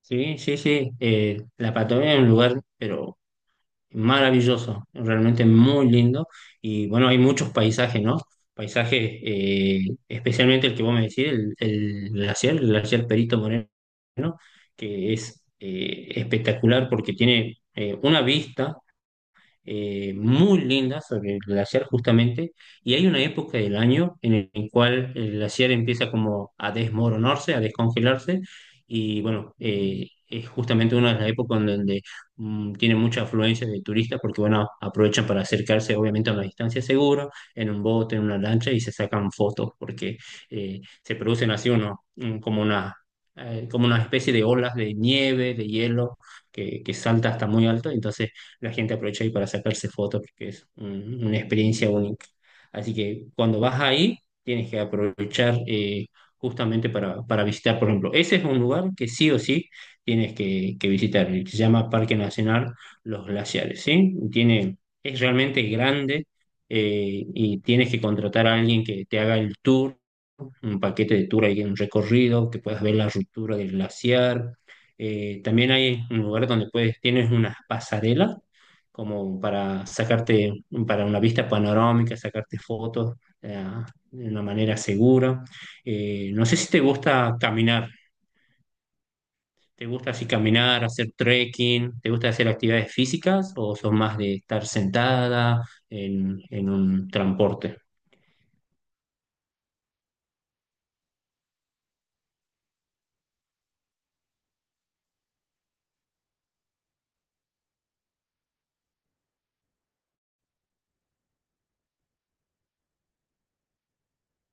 Sí, sí, sí. La Patagonia es un lugar, pero maravilloso, realmente muy lindo. Y bueno, hay muchos paisajes, ¿no? Paisajes, especialmente el que vos me decís, el glaciar Perito Moreno, que es espectacular porque tiene una vista muy linda sobre el glaciar justamente, y hay una época del año en el cual el glaciar empieza como a desmoronarse, a descongelarse, y bueno, es justamente una de las épocas en donde tiene mucha afluencia de turistas porque bueno, aprovechan para acercarse obviamente a una distancia segura, en un bote, en una lancha, y se sacan fotos porque se producen así uno, mm, como una especie de olas de nieve, de hielo, que salta hasta muy alto, entonces la gente aprovecha ahí para sacarse fotos porque una experiencia única. Así que cuando vas ahí, tienes que aprovechar justamente para visitar, por ejemplo, ese es un lugar que sí o sí tienes que visitar, y se llama Parque Nacional Los Glaciares, ¿sí? Tiene, es realmente grande y tienes que contratar a alguien que te haga el tour un paquete de tour ahí, un recorrido, que puedas ver la ruptura del glaciar. También hay un lugar donde puedes, tienes unas pasarelas como para sacarte, para una vista panorámica, sacarte fotos eh, de una manera segura. No sé si te gusta caminar, ¿te gusta así caminar, hacer trekking? ¿Te gusta hacer actividades físicas o sos más de estar sentada en un transporte?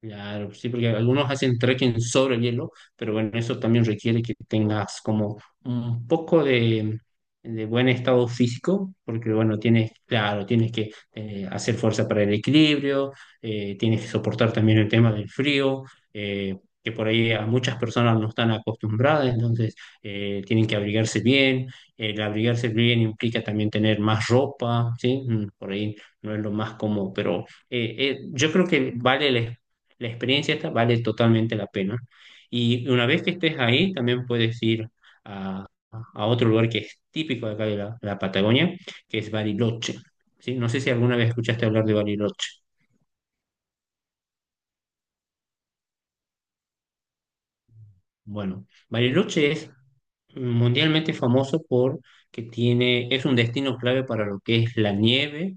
Claro, sí, porque algunos hacen trekking sobre el hielo, pero bueno, eso también requiere que tengas como un poco de buen estado físico, porque bueno, tienes, claro, tienes que hacer fuerza para el equilibrio, tienes que soportar también el tema del frío, eh, que por ahí a muchas personas no están acostumbradas, entonces tienen que abrigarse bien. El abrigarse bien implica también tener más ropa, ¿sí? Mm, por ahí no es lo más cómodo, pero yo creo que vale la experiencia, esta vale totalmente la pena. Y una vez que estés ahí, también puedes ir a otro lugar que es típico de acá de la Patagonia, que es Bariloche. ¿Sí? No sé si alguna vez escuchaste hablar de Bariloche. Bueno, Bariloche es mundialmente famoso porque tiene, es un destino clave para lo que es la nieve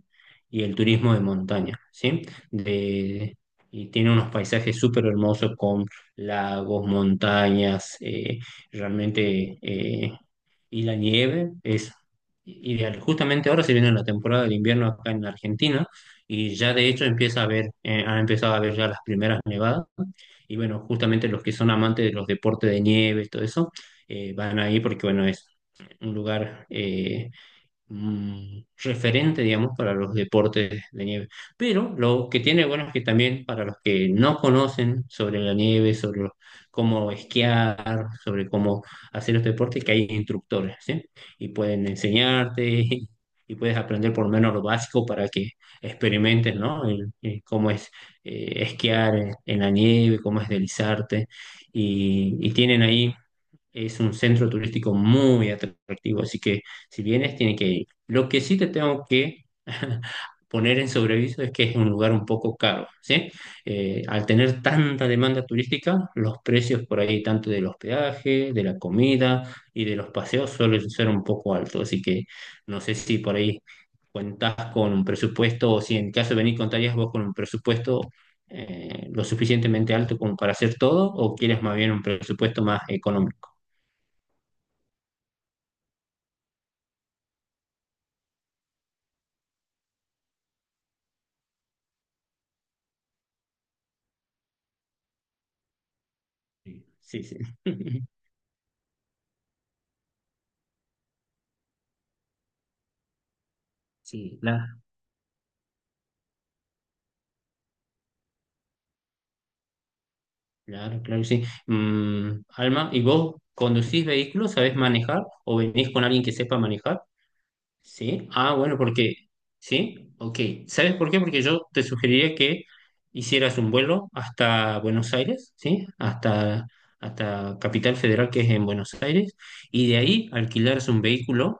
y el turismo de montaña, ¿sí? De, y tiene unos paisajes súper hermosos con lagos, montañas, realmente, y la nieve es ideal. Justamente ahora se viene la temporada del invierno acá en Argentina y ya de hecho empieza a haber, han empezado a haber ya las primeras nevadas. Y bueno, justamente los que son amantes de los deportes de nieve, todo eso, van ahí porque bueno, es un lugar mm, referente, digamos, para los deportes de nieve. Pero lo que tiene bueno es que también para los que no conocen sobre la nieve, cómo esquiar, sobre cómo hacer los deportes, que hay instructores, ¿sí? Y pueden enseñarte y, y puedes aprender por lo menos lo básico para que experimentes, ¿no? El cómo es esquiar en la nieve, cómo es deslizarte. Y tienen ahí es un centro turístico muy atractivo, así que si vienes, tiene que ir. Lo que sí te tengo que poner en sobreviso es que es un lugar un poco caro, ¿sí? Al tener tanta demanda turística, los precios por ahí, tanto del hospedaje, de la comida y de los paseos, suelen ser un poco altos, así que no sé si por ahí cuentas con un presupuesto o si en caso de venir contarías vos con un presupuesto lo suficientemente alto como para hacer todo o quieres más bien un presupuesto más económico. Sí, sí. Sí, claro, claro, claro, que sí. Mm, Alma, ¿y vos conducís vehículos? ¿Sabés manejar? ¿O venís con alguien que sepa manejar? Sí, ah, bueno, porque, sí, ok. ¿Sabes por qué? Porque yo te sugeriría que hicieras un vuelo hasta Buenos Aires, ¿sí? Hasta, hasta Capital Federal, que es en Buenos Aires, y de ahí alquilaras un vehículo,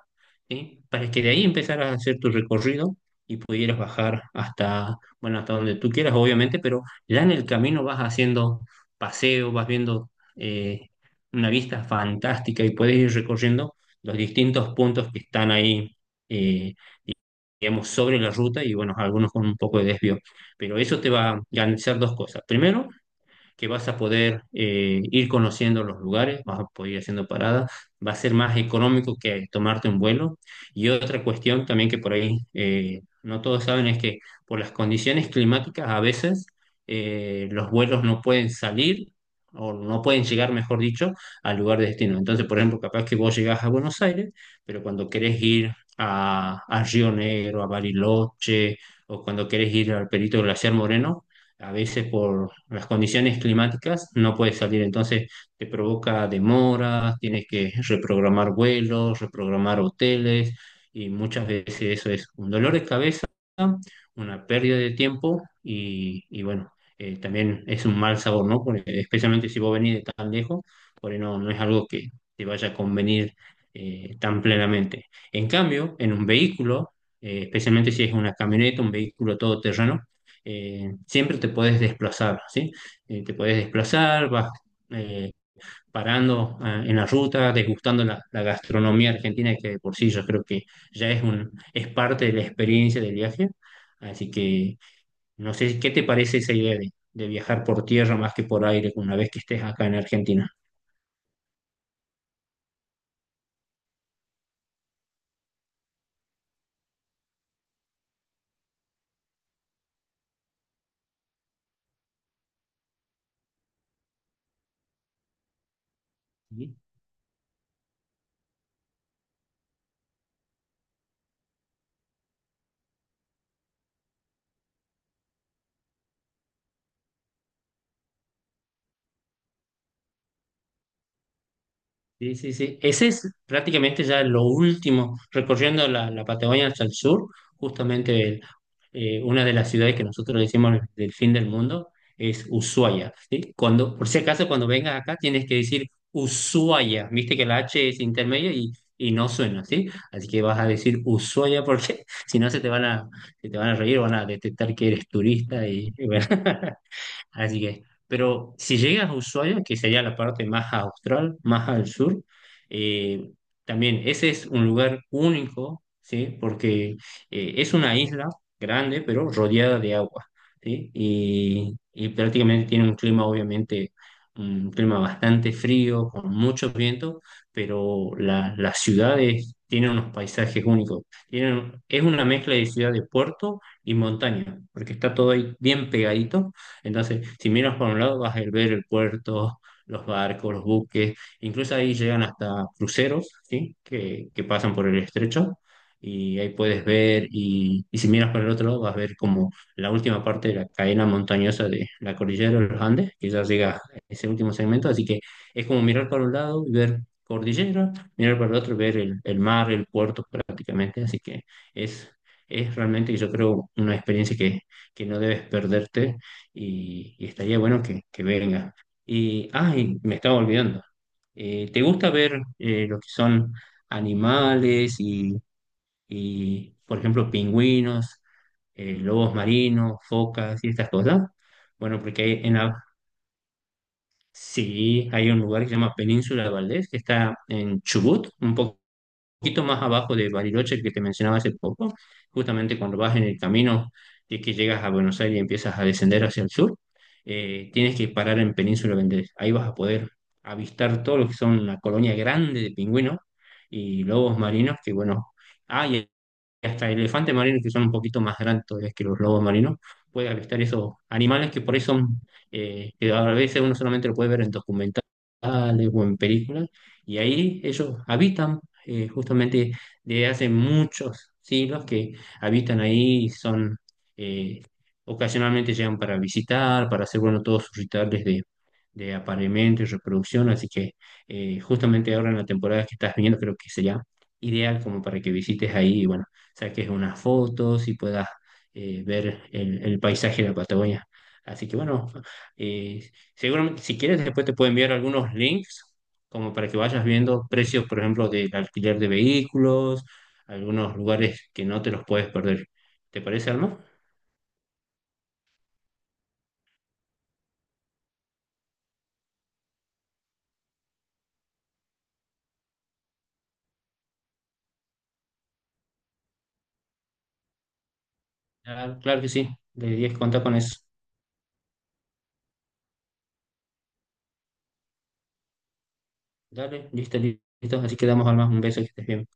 ¿sí? Para que de ahí empezaras a hacer tu recorrido y pudieras bajar hasta, bueno, hasta donde tú quieras, obviamente, pero ya en el camino vas haciendo paseo, vas viendo una vista fantástica y puedes ir recorriendo los distintos puntos que están ahí eh, di- digamos, sobre la ruta y bueno, algunos con un poco de desvío. Pero eso te va a garantizar dos cosas. Primero, que vas a poder ir conociendo los lugares, vas a poder ir haciendo paradas, va a ser más económico que tomarte un vuelo. Y otra cuestión también que por ahí no todos saben es que por las condiciones climáticas a veces los vuelos no pueden salir o no pueden llegar, mejor dicho, al lugar de destino. Entonces, por ejemplo, capaz que vos llegás a Buenos Aires, pero cuando querés ir a Río Negro, a Bariloche, o cuando querés ir al Perito Glaciar Moreno, a veces por las condiciones climáticas no puedes salir, entonces te provoca demoras, tienes que reprogramar vuelos, reprogramar hoteles y muchas veces eso es un dolor de cabeza, una pérdida de tiempo y bueno, también es un mal sabor, ¿no? Porque especialmente si vos venís de tan lejos, por ahí no, no es algo que te vaya a convenir tan plenamente. En cambio, en un vehículo, especialmente si es una camioneta, un vehículo todoterreno, siempre te puedes desplazar, ¿sí? Te puedes desplazar, vas eh, parando ah, en la ruta, degustando la gastronomía argentina, que de por sí yo creo que ya es, un, es parte de la experiencia del viaje. Así que no sé qué te parece esa idea de viajar por tierra más que por aire una vez que estés acá en Argentina. Sí, sí, sí. Ese es prácticamente ya lo último, recorriendo la Patagonia hasta el sur, justamente el- una de las ciudades que nosotros le decimos del fin del mundo es Ushuaia, ¿sí? Cuando, por si acaso, cuando vengas acá tienes que decir Ushuaia, viste que la H es intermedia y no suena, ¿sí? Así que vas a decir Ushuaia porque si no se te van a, se te van a reír, van a detectar que eres turista y bueno. Así que, pero si llegas a Ushuaia, que sería la parte más austral, más al sur, eh, también ese es un lugar único, ¿sí? Porque es una isla grande, pero rodeada de agua, ¿sí? Y prácticamente tiene un clima, obviamente, un clima bastante frío, con mucho viento, pero las ciudades tienen unos paisajes únicos. Tienen, es una mezcla de ciudad de puerto y montaña, porque está todo ahí bien pegadito entonces, si miras por un lado, vas a ver el puerto, los barcos, los buques, incluso ahí llegan hasta cruceros, ¿sí? Que pasan por el estrecho. Y ahí puedes ver, y si miras por el otro lado, vas a ver como la última parte de la cadena montañosa de la cordillera de los Andes, que ya llega a ese último segmento. Así que es como mirar para un lado y ver cordillera, mirar para el otro, ver el mar, el puerto prácticamente. Así que es, es realmente, yo creo, una experiencia que no debes perderte y estaría bueno que venga. Y, ah, y me estaba olvidando. ¿Te gusta ver lo que son animales y, por ejemplo, pingüinos, lobos marinos, focas y estas cosas? Bueno, porque hay en sí, hay un lugar que se llama Península de Valdés, que está en Chubut, un poco poquito más abajo de Bariloche que te mencionaba hace poco, justamente cuando vas en el camino de que llegas a Buenos Aires y empiezas a descender hacia el sur, tienes que parar en Península Vendés. Ahí vas a poder avistar todo lo que son una colonia grande de pingüinos y lobos marinos que, bueno, hay hasta elefantes marinos que son un poquito más grandes todavía que los lobos marinos, puede avistar esos animales que por ahí son, que a veces uno solamente lo puede ver en documentales o en películas, y ahí ellos habitan, justamente desde hace muchos siglos que habitan ahí, y son, eh, ocasionalmente llegan para visitar, para hacer, bueno, todos sus rituales de apareamiento y reproducción, así que justamente ahora en la temporada que estás viendo creo que sería ideal como para que visites ahí y bueno, saques unas fotos y puedas ver el paisaje de la Patagonia. Así que bueno, eh, seguramente si quieres después te puedo enviar algunos links como para que vayas viendo precios, por ejemplo, del alquiler de vehículos, algunos lugares que no te los puedes perder. ¿Te parece, Alma? Ah, claro que sí, deberías contar con eso. Dale, listo, listo. Así quedamos, Alma. Un beso, que estés bien.